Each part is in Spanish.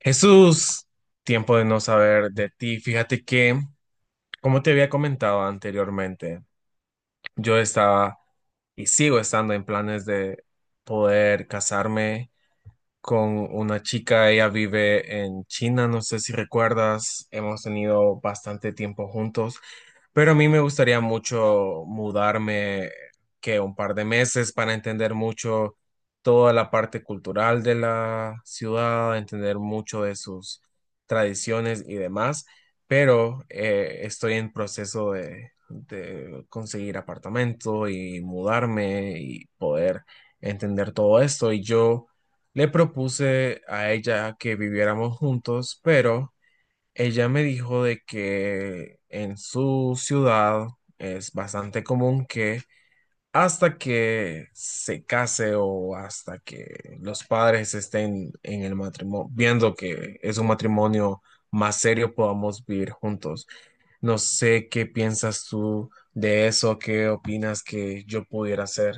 Jesús, tiempo de no saber de ti. Fíjate que, como te había comentado anteriormente, yo estaba y sigo estando en planes de poder casarme con una chica, ella vive en China, no sé si recuerdas, hemos tenido bastante tiempo juntos, pero a mí me gustaría mucho mudarme, que un par de meses para entender mucho toda la parte cultural de la ciudad, entender mucho de sus tradiciones y demás, pero estoy en proceso de conseguir apartamento y mudarme y poder entender todo esto y yo... Le propuse a ella que viviéramos juntos, pero ella me dijo de que en su ciudad es bastante común que hasta que se case o hasta que los padres estén en el matrimonio, viendo que es un matrimonio más serio, podamos vivir juntos. No sé qué piensas tú de eso, qué opinas que yo pudiera hacer.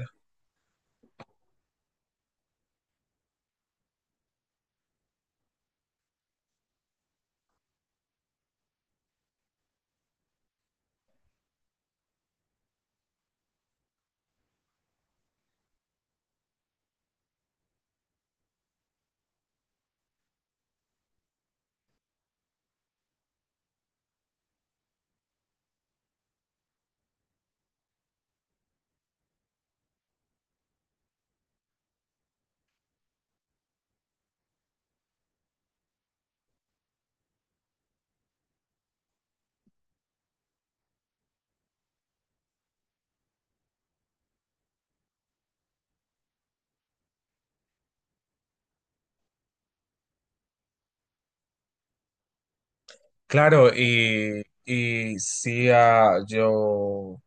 Claro, y sí, ah, yo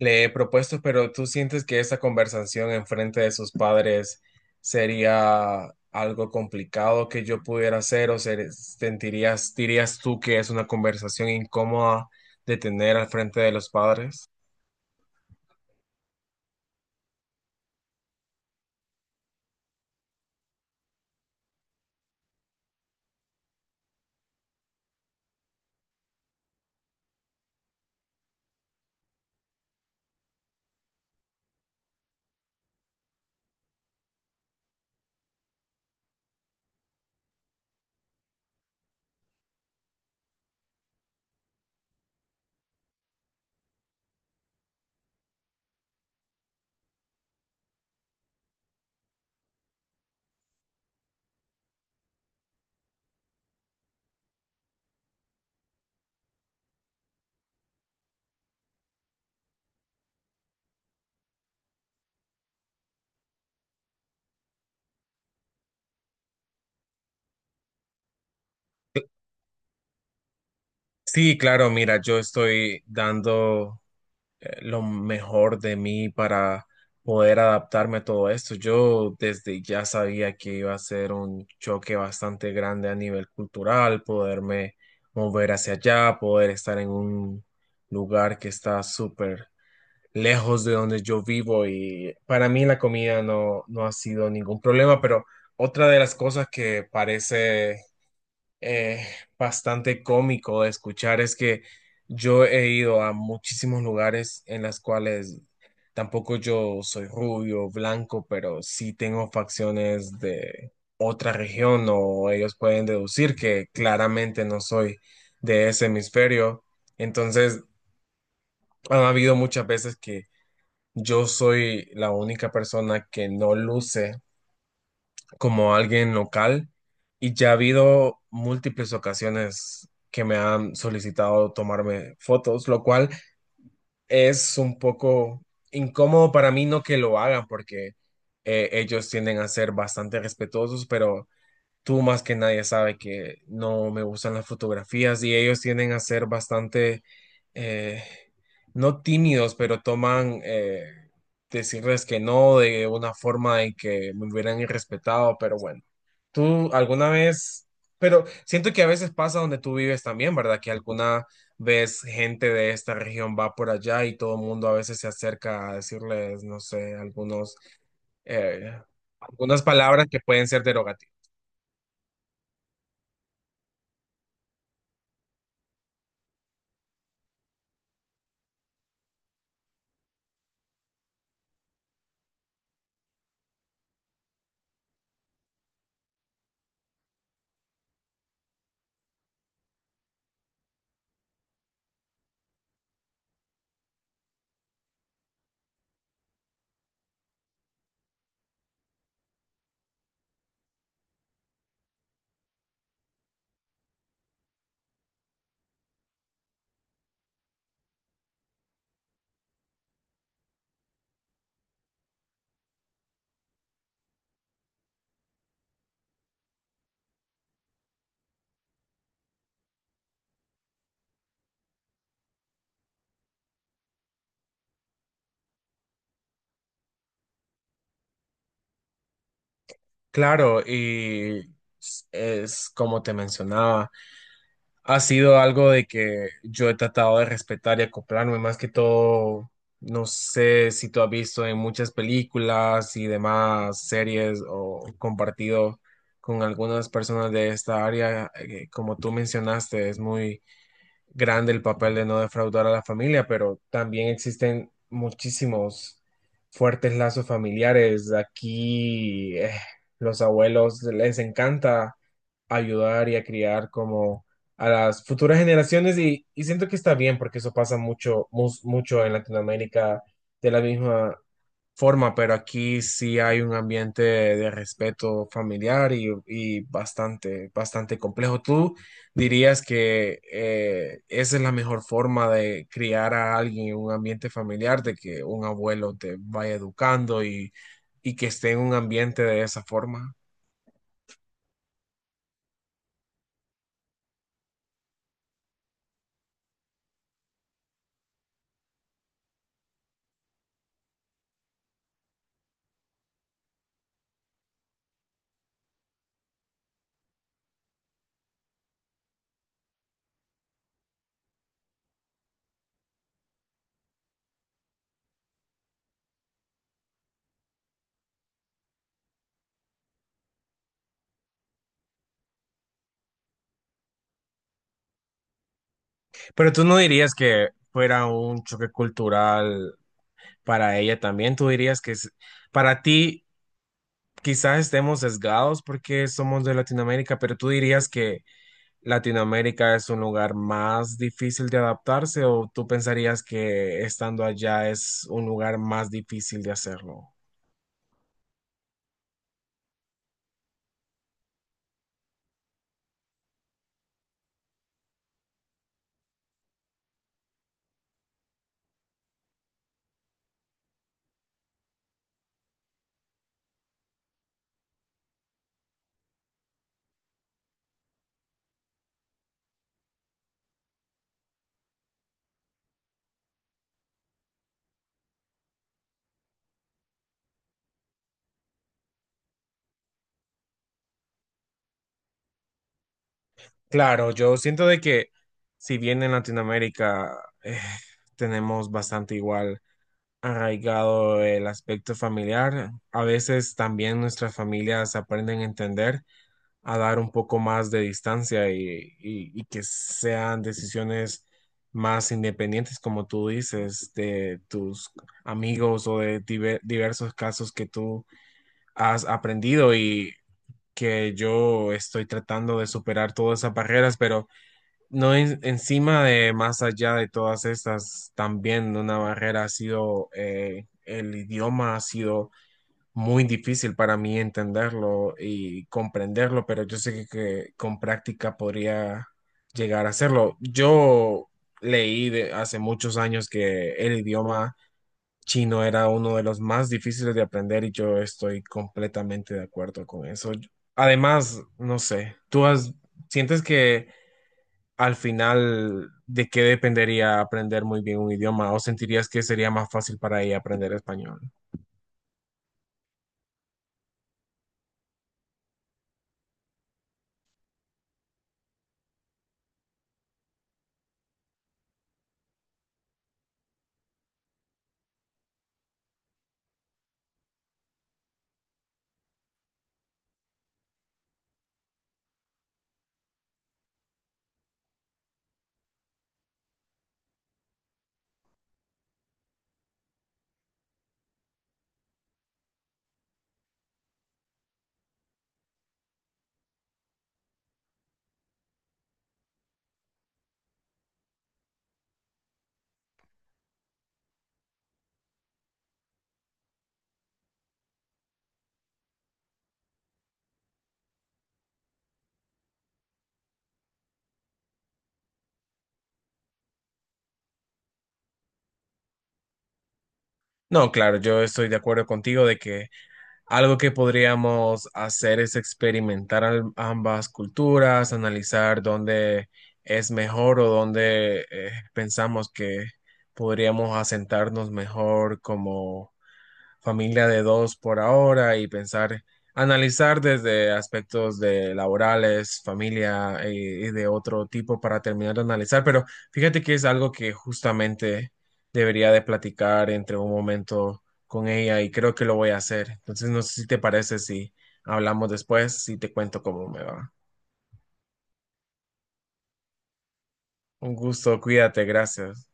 le he propuesto, pero ¿tú sientes que esa conversación en frente de sus padres sería algo complicado que yo pudiera hacer o sentirías, dirías tú que es una conversación incómoda de tener al frente de los padres? Sí, claro, mira, yo estoy dando lo mejor de mí para poder adaptarme a todo esto. Yo desde ya sabía que iba a ser un choque bastante grande a nivel cultural, poderme mover hacia allá, poder estar en un lugar que está súper lejos de donde yo vivo y para mí la comida no ha sido ningún problema, pero otra de las cosas que parece eh, bastante cómico de escuchar es que yo he ido a muchísimos lugares en las cuales tampoco yo soy rubio, blanco, pero sí tengo facciones de otra región o ellos pueden deducir que claramente no soy de ese hemisferio. Entonces, han habido muchas veces que yo soy la única persona que no luce como alguien local y ya ha habido múltiples ocasiones que me han solicitado tomarme fotos, lo cual es un poco incómodo para mí no que lo hagan porque ellos tienden a ser bastante respetuosos, pero tú más que nadie sabe que no me gustan las fotografías y ellos tienden a ser bastante, eh, no tímidos, pero toman... decirles que no de una forma en que me hubieran irrespetado, pero bueno. Tú alguna vez, pero siento que a veces pasa donde tú vives también, ¿verdad? Que alguna vez gente de esta región va por allá y todo el mundo a veces se acerca a decirles, no sé, algunos, eh, algunas palabras que pueden ser derogativas. Claro, y es como te mencionaba. Ha sido algo de que yo he tratado de respetar y acoplarme, más que todo, no sé si tú has visto en muchas películas y demás series o compartido con algunas personas de esta área, como tú mencionaste, es muy grande el papel de no defraudar a la familia, pero también existen muchísimos fuertes lazos familiares. Aquí los abuelos les encanta ayudar y a criar como a las futuras generaciones y siento que está bien porque eso pasa mucho, mucho en Latinoamérica de la misma forma, pero aquí sí hay un ambiente de respeto familiar y bastante, bastante complejo. ¿Tú dirías que esa es la mejor forma de criar a alguien en un ambiente familiar, de que un abuelo te vaya educando y que esté en un ambiente de esa forma? Pero tú no dirías que fuera un choque cultural para ella también, tú dirías que para ti... Quizás estemos sesgados porque somos de Latinoamérica, pero tú dirías que ¿Latinoamérica es un lugar más difícil de adaptarse o tú pensarías que estando allá es un lugar más difícil de hacerlo? Claro, yo siento de que si bien en Latinoamérica eh, tenemos bastante igual arraigado el aspecto familiar, a veces también nuestras familias aprenden a entender, a dar un poco más de distancia y que sean decisiones más independientes, como tú dices, de tus amigos o de diversos casos que tú has aprendido y que yo estoy tratando de superar todas esas barreras, pero no encima de más allá de todas estas, también una barrera ha sido el idioma, ha sido muy difícil para mí entenderlo y comprenderlo, pero yo sé que con práctica podría llegar a hacerlo. Yo leí de hace muchos años que el idioma chino era uno de los más difíciles de aprender y yo estoy completamente de acuerdo con eso. Además, no sé, tú has, ¿sientes que al final de qué dependería aprender muy bien un idioma? ¿O sentirías que sería más fácil para ella aprender español? No, claro, yo estoy de acuerdo contigo de que algo que podríamos hacer es experimentar ambas culturas, analizar dónde es mejor o dónde pensamos que podríamos asentarnos mejor como familia de dos por ahora y pensar, analizar desde aspectos de laborales, familia y de otro tipo para terminar de analizar. Pero fíjate que es algo que justamente debería de platicar entre un momento con ella y creo que lo voy a hacer. Entonces no sé si te parece si hablamos después, si te cuento cómo me va. Un gusto, cuídate, gracias.